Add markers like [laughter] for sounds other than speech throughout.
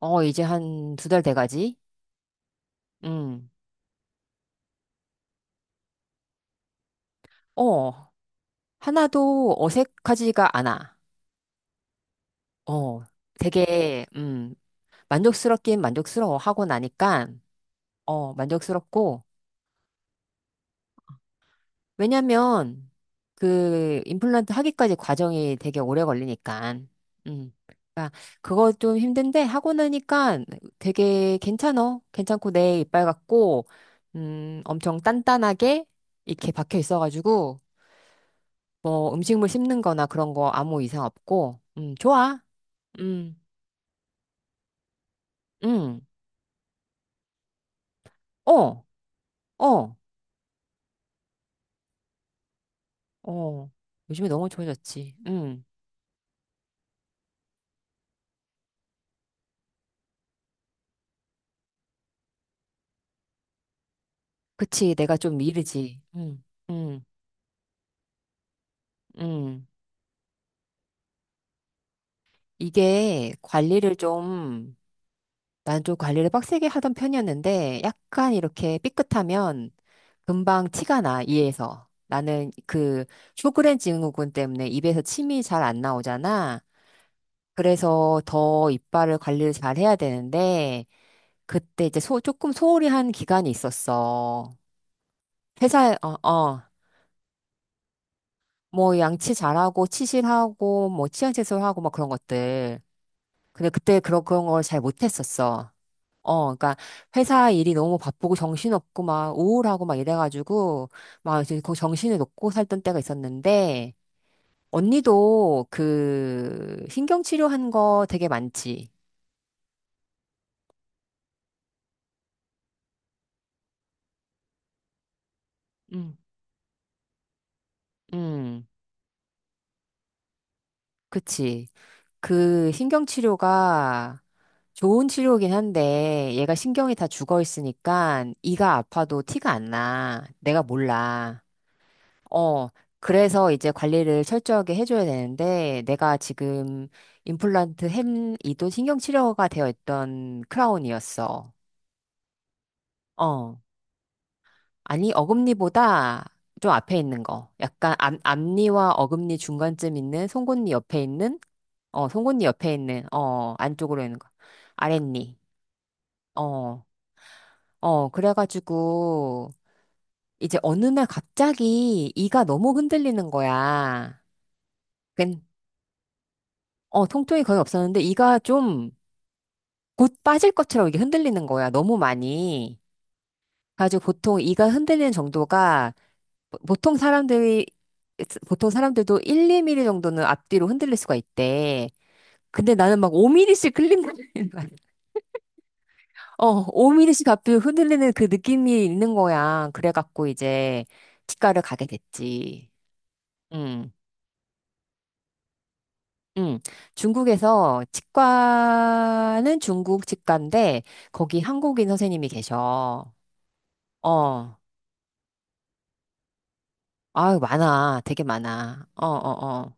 이제 한 2달 돼가지? 음. 어, 하나도 어색하지가 않아. 어, 되게, 만족스럽긴 만족스러워 하고 나니까, 어, 만족스럽고, 왜냐면, 그, 임플란트 하기까지 과정이 되게 오래 걸리니까, 음. 그러니까 그거 좀 힘든데, 하고 나니까 되게 괜찮어. 괜찮고, 내 이빨 같고, 엄청 단단하게 이렇게 박혀 있어가지고, 뭐 음식물 씹는 거나 그런 거 아무 이상 없고, 좋아. 음, 음, 어, 어, 어. 요즘에 너무 좋아졌지. 음. 그치. 내가 좀 미르지. 음, 음. 이게 관리를 좀, 난 좀 관리를 빡세게 하던 편이었는데, 약간 이렇게 삐끗하면 금방 티가 나, 이에서. 나는 그 쇼그렌 증후군 때문에 입에서 침이 잘 안 나오잖아. 그래서 더 이빨을 관리를 잘 해야 되는데, 그때 이제 조금 소홀히 한 기간이 있었어. 회사에, 뭐 양치 잘하고, 치실하고, 뭐 치약 제소하고, 막 그런 것들. 근데 그때 그런 걸 잘 못했었어. 그러니까 회사 일이 너무 바쁘고 정신없고 막 우울하고 막 이래가지고 막 이제 그 정신을 놓고 살던 때가 있었는데 언니도 그 신경치료 한 거 되게 많지. 응. 응, 그치. 그 신경치료가 좋은 치료긴 한데 얘가 신경이 다 죽어 있으니까 이가 아파도 티가 안 나. 내가 몰라. 어. 그래서 이제 관리를 철저하게 해줘야 되는데 내가 지금 임플란트 햄 이도 신경치료가 되어 있던 크라운이었어. 어. 아니 어금니보다 좀 앞에 있는 거. 약간 앞니와 어금니 중간쯤 있는 송곳니 옆에 있는 송곳니 옆에 있는 안쪽으로 있는 거. 아랫니. 어, 그래가지고, 이제 어느 날 갑자기 이가 너무 흔들리는 거야. 근, 통증이 거의 없었는데, 이가 좀 곧 빠질 것처럼 이게 흔들리는 거야. 너무 많이. 그래가지고 보통 이가 흔들리는 정도가, 보- 보통 사람들이, 보통 사람들도 1, 2mm 정도는 앞뒤로 흔들릴 수가 있대. 근데 나는 막 5mm씩 흔들리는 거야. [laughs] 5mm씩 앞뒤로 흔들리는 그 느낌이 있는 거야. 그래갖고 이제 치과를 가게 됐지. 음, 음. 중국에서 치과는 중국 치과인데 거기 한국인 선생님이 계셔. 어, 아유 많아, 되게 많아. 어, 어, 어,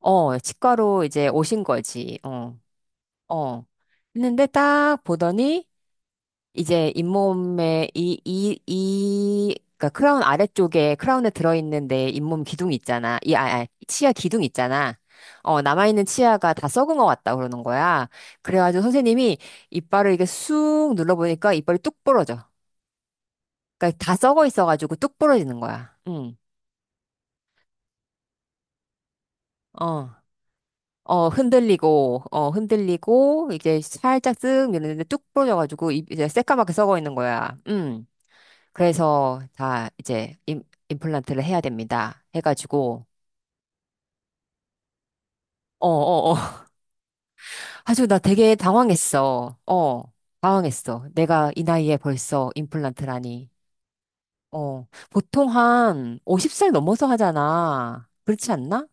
어, 치과로 이제 오신 거지. 어, 어. 했는데 딱 보더니 이제 잇몸에 그러니까 크라운 아래쪽에 크라운에 들어있는 내 잇몸 기둥 있잖아. 치아 기둥 있잖아. 남아있는 치아가 다 썩은 것 같다 그러는 거야. 그래가지고 선생님이 이빨을 이렇게 쑥 눌러보니까 이빨이 뚝 부러져. 그러니까 다 썩어 있어가지고 뚝 부러지는 거야. 응. 어. 흔들리고, 이제 살짝 쓱 밀었는데 뚝 부러져가지고, 이제 새까맣게 썩어 있는 거야. 음. 그래서 다 이제 임플란트를 해야 됩니다. 해가지고, 어, 어, 어. [laughs] 아주 나 되게 당황했어. 당황했어. 내가 이 나이에 벌써 임플란트라니. 어, 보통 한 50살 넘어서 하잖아. 그렇지 않나?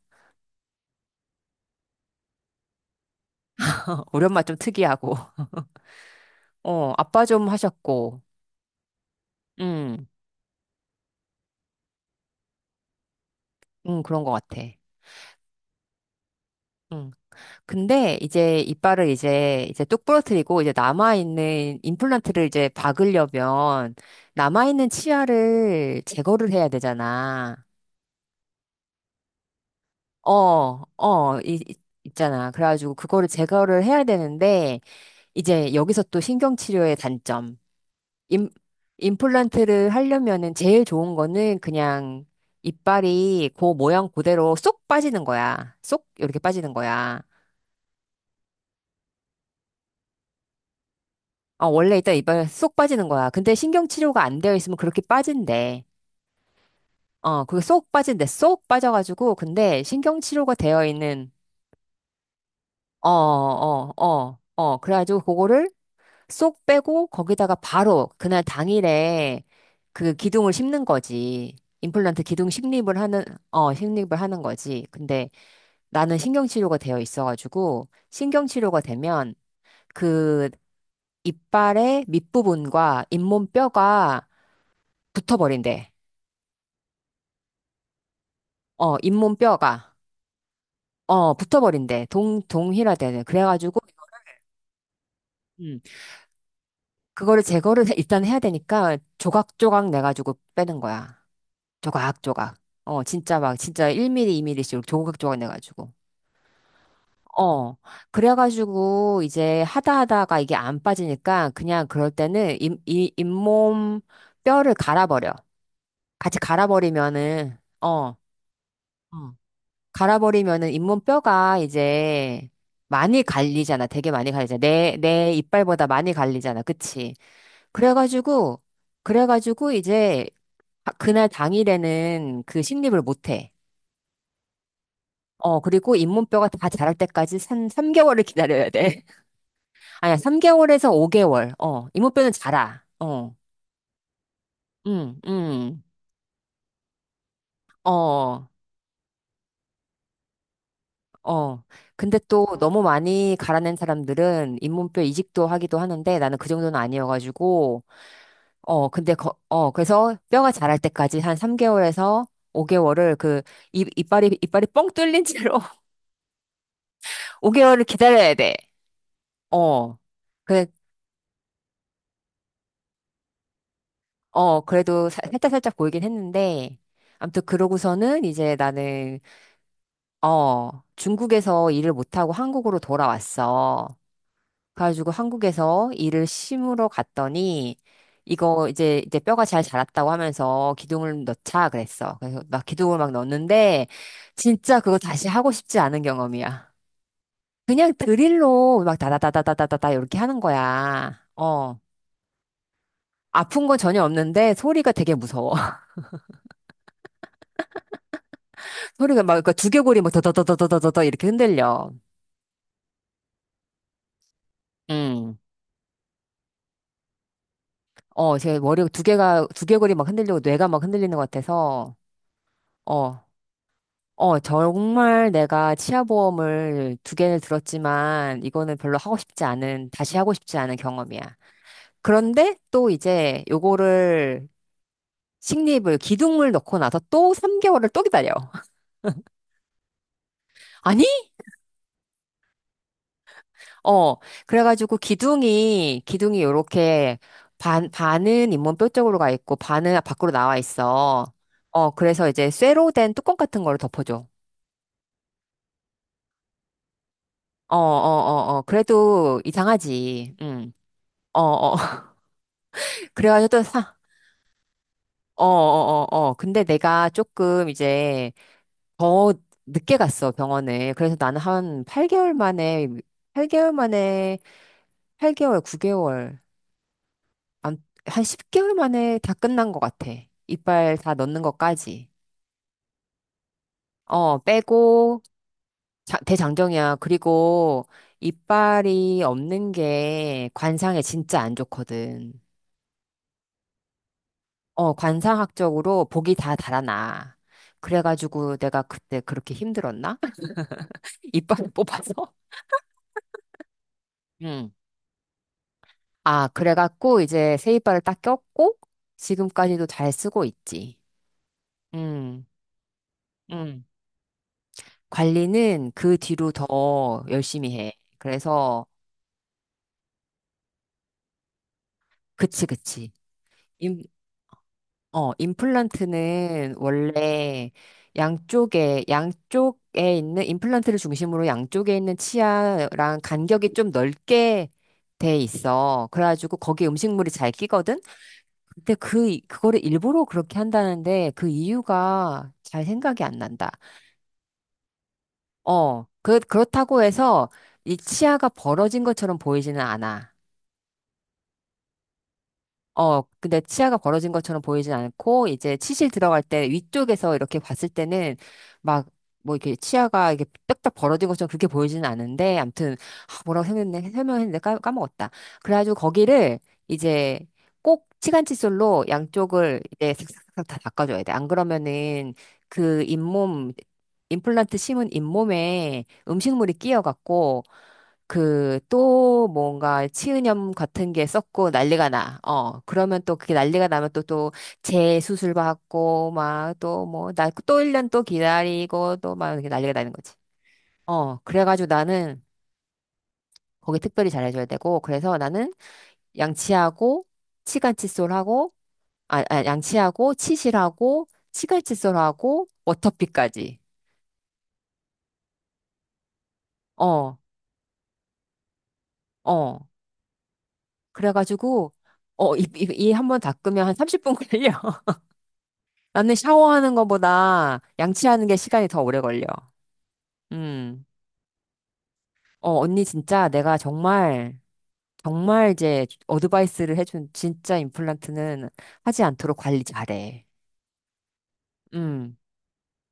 [laughs] 우리 엄마 좀 특이하고. 어, 아빠 좀 하셨고. 음, 그런 것 같아. 음. 근데 이제 이빨을 이제 뚝 부러뜨리고 이제 남아있는 임플란트를 이제 박으려면 남아있는 치아를 제거를 해야 되잖아. 어, 어, 이, 이- 있잖아. 그래가지고 그거를 제거를 해야 되는데 이제 여기서 또 신경치료의 단점. 임, 임플란트를 하려면은 제일 좋은 거는 그냥 이빨이 그 모양 그대로 쏙 빠지는 거야. 쏙 이렇게 빠지는 거야. 어, 원래 있따 이빨 쏙 빠지는 거야. 근데 신경 치료가 안 되어 있으면 그렇게 빠진대. 어, 그게 쏙 빠진대. 쏙 빠져가지고, 근데 신경 치료가 되어 있는, 어, 어, 어, 어. 그래가지고 그거를 쏙 빼고 거기다가 바로 그날 당일에 그 기둥을 심는 거지. 임플란트 기둥 식립을 하는, 어, 식립을 하는 거지. 근데 나는 신경 치료가 되어 있어가지고, 신경 치료가 되면 그 이빨의 밑부분과 잇몸뼈가 붙어버린대. 어, 잇몸뼈가, 어, 붙어버린대. 동일화되는. 그래가지고, 음, 그거를 제거를 [laughs] 일단 해야 되니까 조각조각 내가지고 빼는 거야. 조각조각. 어, 진짜 막, 진짜 1mm, 2mm씩 조각조각 내가지고. 어, 그래가지고 이제 하다 하다가 이게 안 빠지니까 그냥 그럴 때는 잇몸 뼈를 갈아버려. 같이 갈아버리면은, 어, 어. 갈아버리면은 잇몸뼈가 이제 많이 갈리잖아. 되게 많이 갈리잖아. 내 이빨보다 많이 갈리잖아. 그치? 그래가지고, 그래가지고 이제 그날 당일에는 그 식립을 못해. 어, 그리고 잇몸뼈가 다 자랄 때까지 삼 3개월을 기다려야 돼. [laughs] 아니야, 3개월에서 5개월. 어, 잇몸뼈는 자라. 어, 응, 응, 어, 어. 근데 또 너무 많이 갈아낸 사람들은 잇몸뼈 이식도 하기도 하는데 나는 그 정도는 아니어가지고 어, 근데, 그래서 뼈가 자랄 때까지 한 3개월에서 5개월을 그, 이빨이 뻥 뚫린 채로 [laughs] 5개월을 기다려야 돼. 어. 그래, 그래도 살짝살짝 보이긴 했는데, 아무튼 그러고서는 이제 나는, 어, 중국에서 일을 못하고 한국으로 돌아왔어. 가지고 한국에서 이를 심으러 갔더니 이거 이제 뼈가 잘 자랐다고 하면서 기둥을 넣자 그랬어. 그래서 막 기둥을 막 넣었는데 진짜 그거 다시 하고 싶지 않은 경험이야. 그냥 드릴로 막 다다다다다다다다 이렇게 하는 거야. 어. 아픈 건 전혀 없는데 소리가 되게 무서워. [laughs] 소리가 막 그 두개골이 막 더더더더더더더 이렇게 흔들려. 음. 어, 제 머리 두 개가 두개골이 막 흔들리고 뇌가 막 흔들리는 것 같아서 어. 어, 정말 내가 치아보험을 두 개를 들었지만 이거는 별로 하고 싶지 않은, 다시 하고 싶지 않은 경험이야. 그런데 또 이제 요거를 식립을, 기둥을 넣고 나서 또 3개월을 또 기다려. [laughs] 아니? 어, 그래가지고 기둥이 요렇게 반은 잇몸뼈 쪽으로 가 있고 반은 밖으로 나와 있어. 어, 그래서 이제 쇠로 된 뚜껑 같은 거를 덮어줘. 어, 어, 어, 어. 그래도 이상하지. 응. 어, 어. [laughs] 그래가지고 또 사, 어, 어, 어, 어. 근데 내가 조금 이제 더 늦게 갔어, 병원에. 그래서 나는 한 8개월 만에, 8개월 만에, 8개월, 9개월, 암- 한 10개월 만에 다 끝난 것 같아. 이빨 다 넣는 것까지. 어, 빼고, 대장정이야. 그리고 이빨이 없는 게 관상에 진짜 안 좋거든. 어, 관상학적으로 복이 다 달아나. 그래가지고 내가 그때 그렇게 힘들었나? [laughs] 이빨을 뽑아서? 응. 아, 그래갖고 이제 세이바를 딱 꼈고 지금까지도 잘 쓰고 있지. 응, 응. 관리는 그 뒤로 더 열심히 해. 그래서 그치, 그치. 임, 임플란트는 원래 양쪽에 있는 임플란트를 중심으로 양쪽에 있는 치아랑 간격이 좀 넓게 돼 있어. 그래가지고 거기 음식물이 잘 끼거든. 근데 그거를 일부러 그렇게 한다는데 그 이유가 잘 생각이 안 난다. 어, 그렇다고 해서 이 치아가 벌어진 것처럼 보이지는 않아. 어, 근데 치아가 벌어진 것처럼 보이진 않고, 이제 치실 들어갈 때 위쪽에서 이렇게 봤을 때는 막, 뭐 이렇게 치아가 이렇게 딱딱 벌어진 것처럼 그렇게 보이지는 않은데, 암튼, 아, 뭐라고 설명했네, 설명했는데 까먹었다. 그래가지고 거기를 이제 꼭 치간칫솔로 양쪽을 이제 싹싹싹 다 닦아줘야 돼. 안 그러면은 그 잇몸, 임플란트 심은 잇몸에 음식물이 끼어갖고, 그 또 뭔가 치은염 같은 게 썩고 난리가 나. 어, 그러면 또 그게 난리가 나면 또 재수술 받고 막 또 뭐 나 또 1년 또 기다리고 또 막 이렇게 난리가 나는 거지. 어, 그래가지고 나는 거기 특별히 잘해줘야 되고 그래서 나는 양치하고 치간칫솔하고 양치하고 치실하고 치간칫솔하고 워터피까지. 어, 어. 그래가지고 어, 이 한 번 닦으면 한 30분 걸려. 나는 샤워하는 것보다 양치하는 게 시간이 더 오래 걸려. 음. 어, 언니 진짜 내가 정말, 정말 이제 어드바이스를 해준 진짜 임플란트는 하지 않도록 관리 잘해. 음.